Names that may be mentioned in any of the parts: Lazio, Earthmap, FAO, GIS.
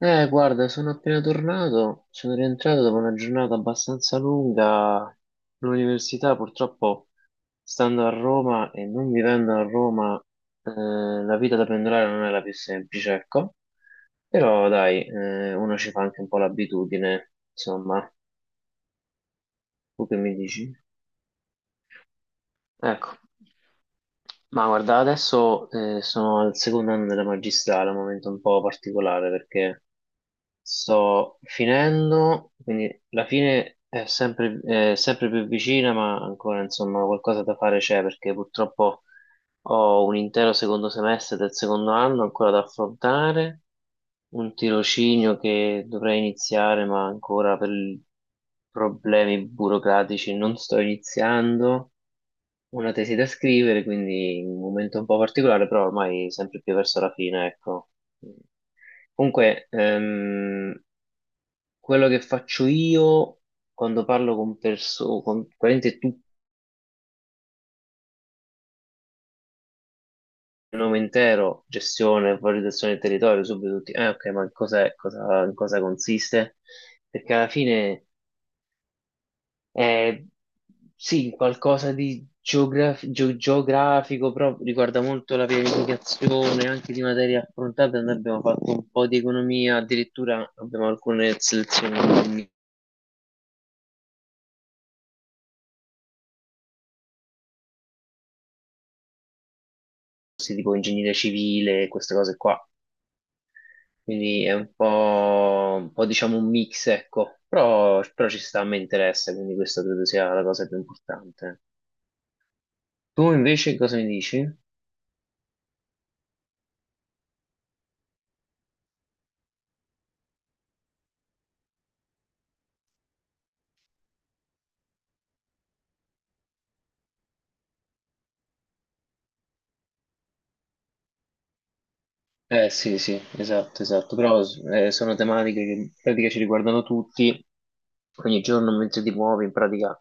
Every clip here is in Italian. Guarda, sono appena tornato, sono rientrato dopo una giornata abbastanza lunga all'università, purtroppo stando a Roma e non vivendo a Roma, eh, la vita da pendolare non è la più semplice, ecco, però dai, uno ci fa anche un po' l'abitudine, insomma, tu che mi dici? Ecco, ma guarda, adesso sono al secondo anno della magistrale, un momento un po' particolare perché... Sto finendo, quindi la fine è sempre più vicina, ma ancora insomma qualcosa da fare c'è perché purtroppo ho un intero secondo semestre del secondo anno ancora da affrontare, un tirocinio che dovrei iniziare, ma ancora per problemi burocratici non sto iniziando una tesi da scrivere, quindi un momento un po' particolare, però ormai sempre più verso la fine, ecco. Comunque, quello che faccio io quando parlo con persone, con praticamente tutto il nome intero, gestione, valorizzazione del territorio, subito tutti, eh ok, ma cos'è, cosa, in cosa consiste? Perché alla fine... Eh, sì, qualcosa di geografico, però riguarda molto la pianificazione, anche di materie affrontate. Noi abbiamo fatto un po' di economia, addirittura abbiamo alcune selezioni di corsi tipo ingegneria civile, queste cose qua. Quindi è un po', diciamo un mix, ecco, però ci sta, mi interessa, quindi questa credo sia la cosa più importante. Tu invece cosa mi dici? Eh sì, sì, esatto, esatto, però sono tematiche che in pratica ci riguardano tutti, ogni giorno mentre ti muovi, in pratica,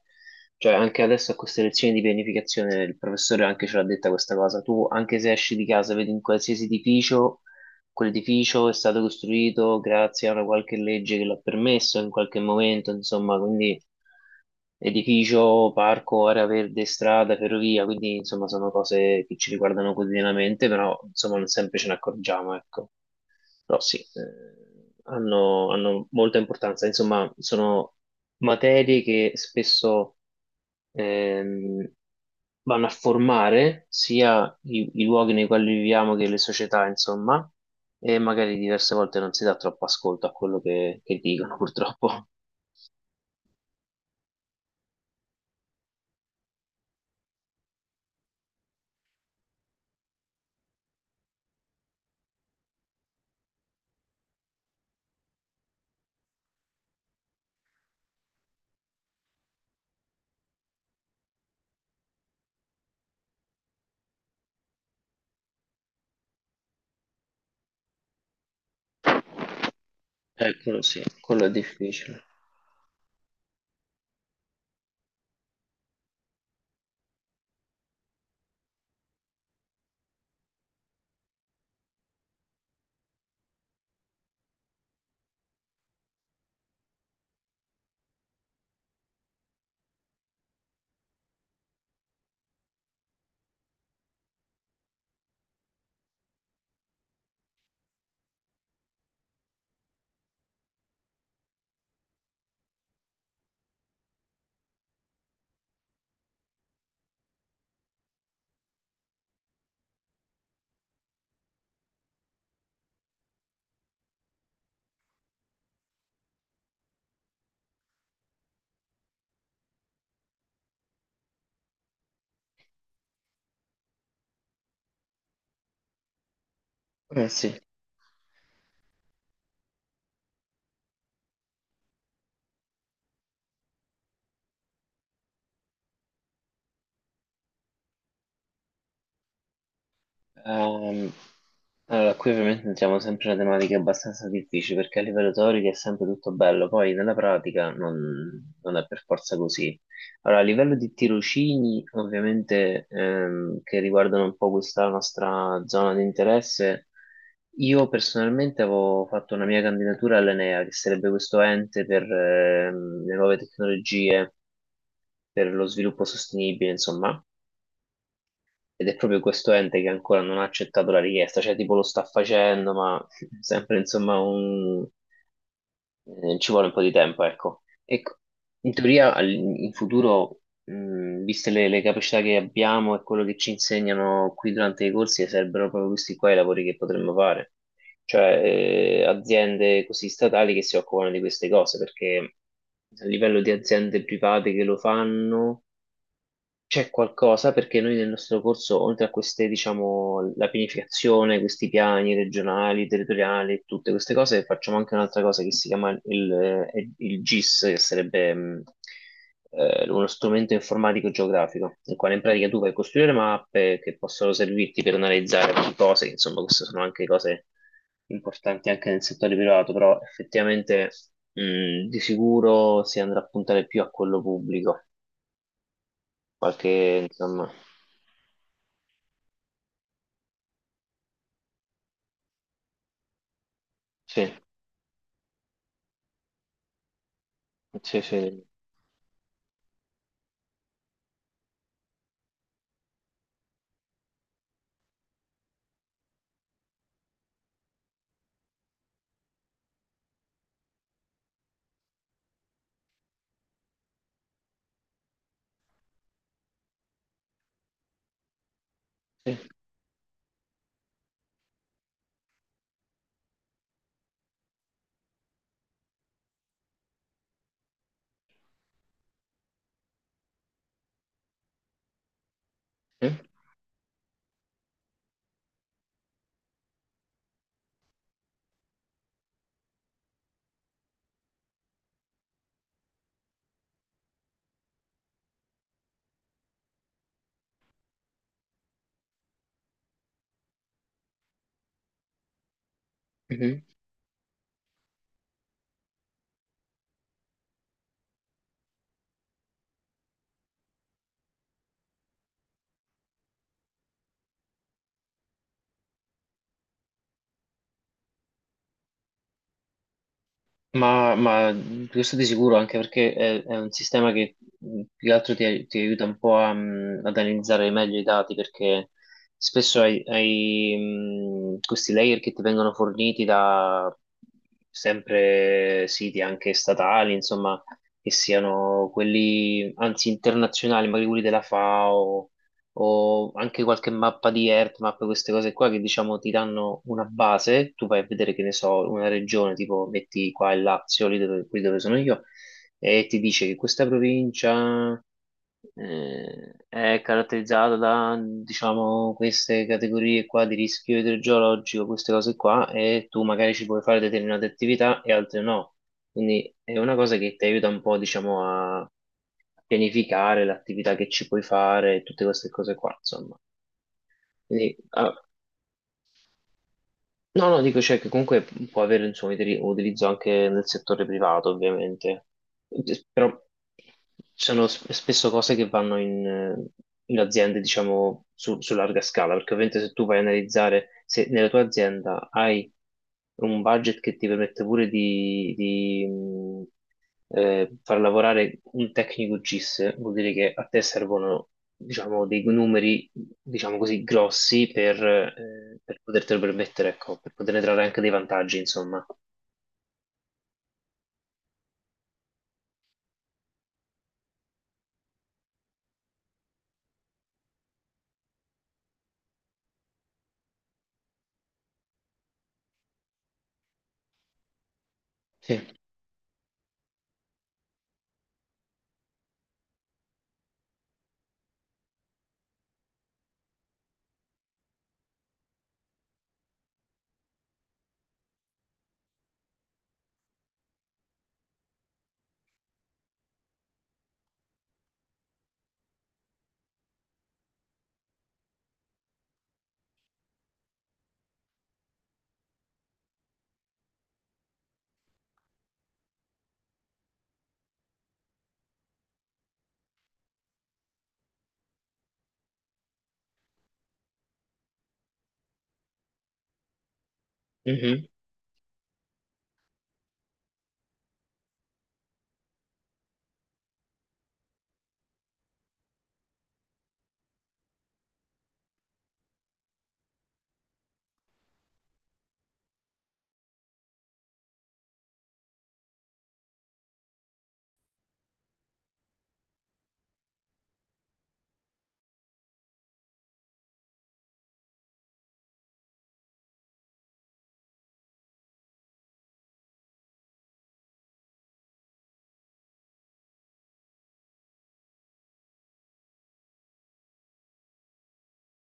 cioè anche adesso a queste lezioni di pianificazione il professore anche ce l'ha detta questa cosa, tu anche se esci di casa, vedi in qualsiasi edificio, quell'edificio è stato costruito grazie a una qualche legge che l'ha permesso in qualche momento, insomma, quindi edificio, parco, area verde, strada, ferrovia, quindi insomma sono cose che ci riguardano quotidianamente, però insomma non sempre ce ne accorgiamo, ecco. Però sì, hanno, hanno molta importanza, insomma sono materie che spesso ehm, vanno a formare sia i luoghi nei quali viviamo che le società, insomma, e magari diverse volte non si dà troppo ascolto a quello che dicono, purtroppo. Quello sì, quello è difficile. Eh sì. Ehm, allora, qui ovviamente entriamo sempre in una tematica abbastanza difficile perché a livello teorico è sempre tutto bello, poi nella pratica non, non è per forza così. Allora, a livello di tirocini, ovviamente che riguardano un po' questa nostra zona di interesse, io personalmente avevo fatto una mia candidatura all'ENEA, che sarebbe questo ente per le nuove tecnologie, per lo sviluppo sostenibile, insomma. Ed è proprio questo ente che ancora non ha accettato la richiesta, cioè tipo lo sta facendo, ma sempre insomma un... Eh, ci vuole un po' di tempo, ecco. Ecco, in teoria in futuro, viste le capacità che abbiamo e quello che ci insegnano qui durante i corsi, sarebbero proprio questi qua i lavori che potremmo fare, cioè aziende così statali che si occupano di queste cose, perché a livello di aziende private che lo fanno c'è qualcosa perché noi nel nostro corso, oltre a queste, diciamo, la pianificazione, questi piani regionali, territoriali, tutte queste cose, facciamo anche un'altra cosa che si chiama il GIS, che sarebbe uno strumento informatico geografico, nel quale in pratica tu vai a costruire mappe che possono servirti per analizzare varie cose, insomma, queste sono anche cose importanti anche nel settore privato, però effettivamente di sicuro si andrà a puntare più a quello pubblico, qualche, insomma. Sì, sì, sì, sì, sì. Mhm. Ma questo di sicuro, anche perché è un sistema che più che altro ti aiuta un po' a, ad analizzare meglio i dati, perché spesso hai questi layer che ti vengono forniti da sempre siti anche statali, insomma, che siano quelli, anzi internazionali, magari quelli della FAO o anche qualche mappa di Earthmap, queste cose qua che diciamo ti danno una base, tu vai a vedere che ne so, una regione, tipo metti qua il Lazio, lì dove, qui dove sono io, e ti dice che questa provincia è caratterizzata da, diciamo, queste categorie qua di rischio idrogeologico, queste cose qua, e tu magari ci puoi fare determinate attività e altre no. Quindi è una cosa che ti aiuta un po', diciamo, a pianificare l'attività che ci puoi fare, tutte queste cose qua, insomma. Quindi, ah, no, no, dico, cioè, che comunque può avere, insomma, utilizzo anche nel settore privato, ovviamente. Però sono spesso cose che vanno in, in aziende, diciamo, su larga scala, perché ovviamente se tu vai a analizzare, se nella tua azienda hai un budget che ti permette pure di, far lavorare un tecnico GIS vuol dire che a te servono, diciamo, dei numeri, diciamo così, grossi per potertelo permettere, ecco, per poterne trarre anche dei vantaggi, insomma. Sì.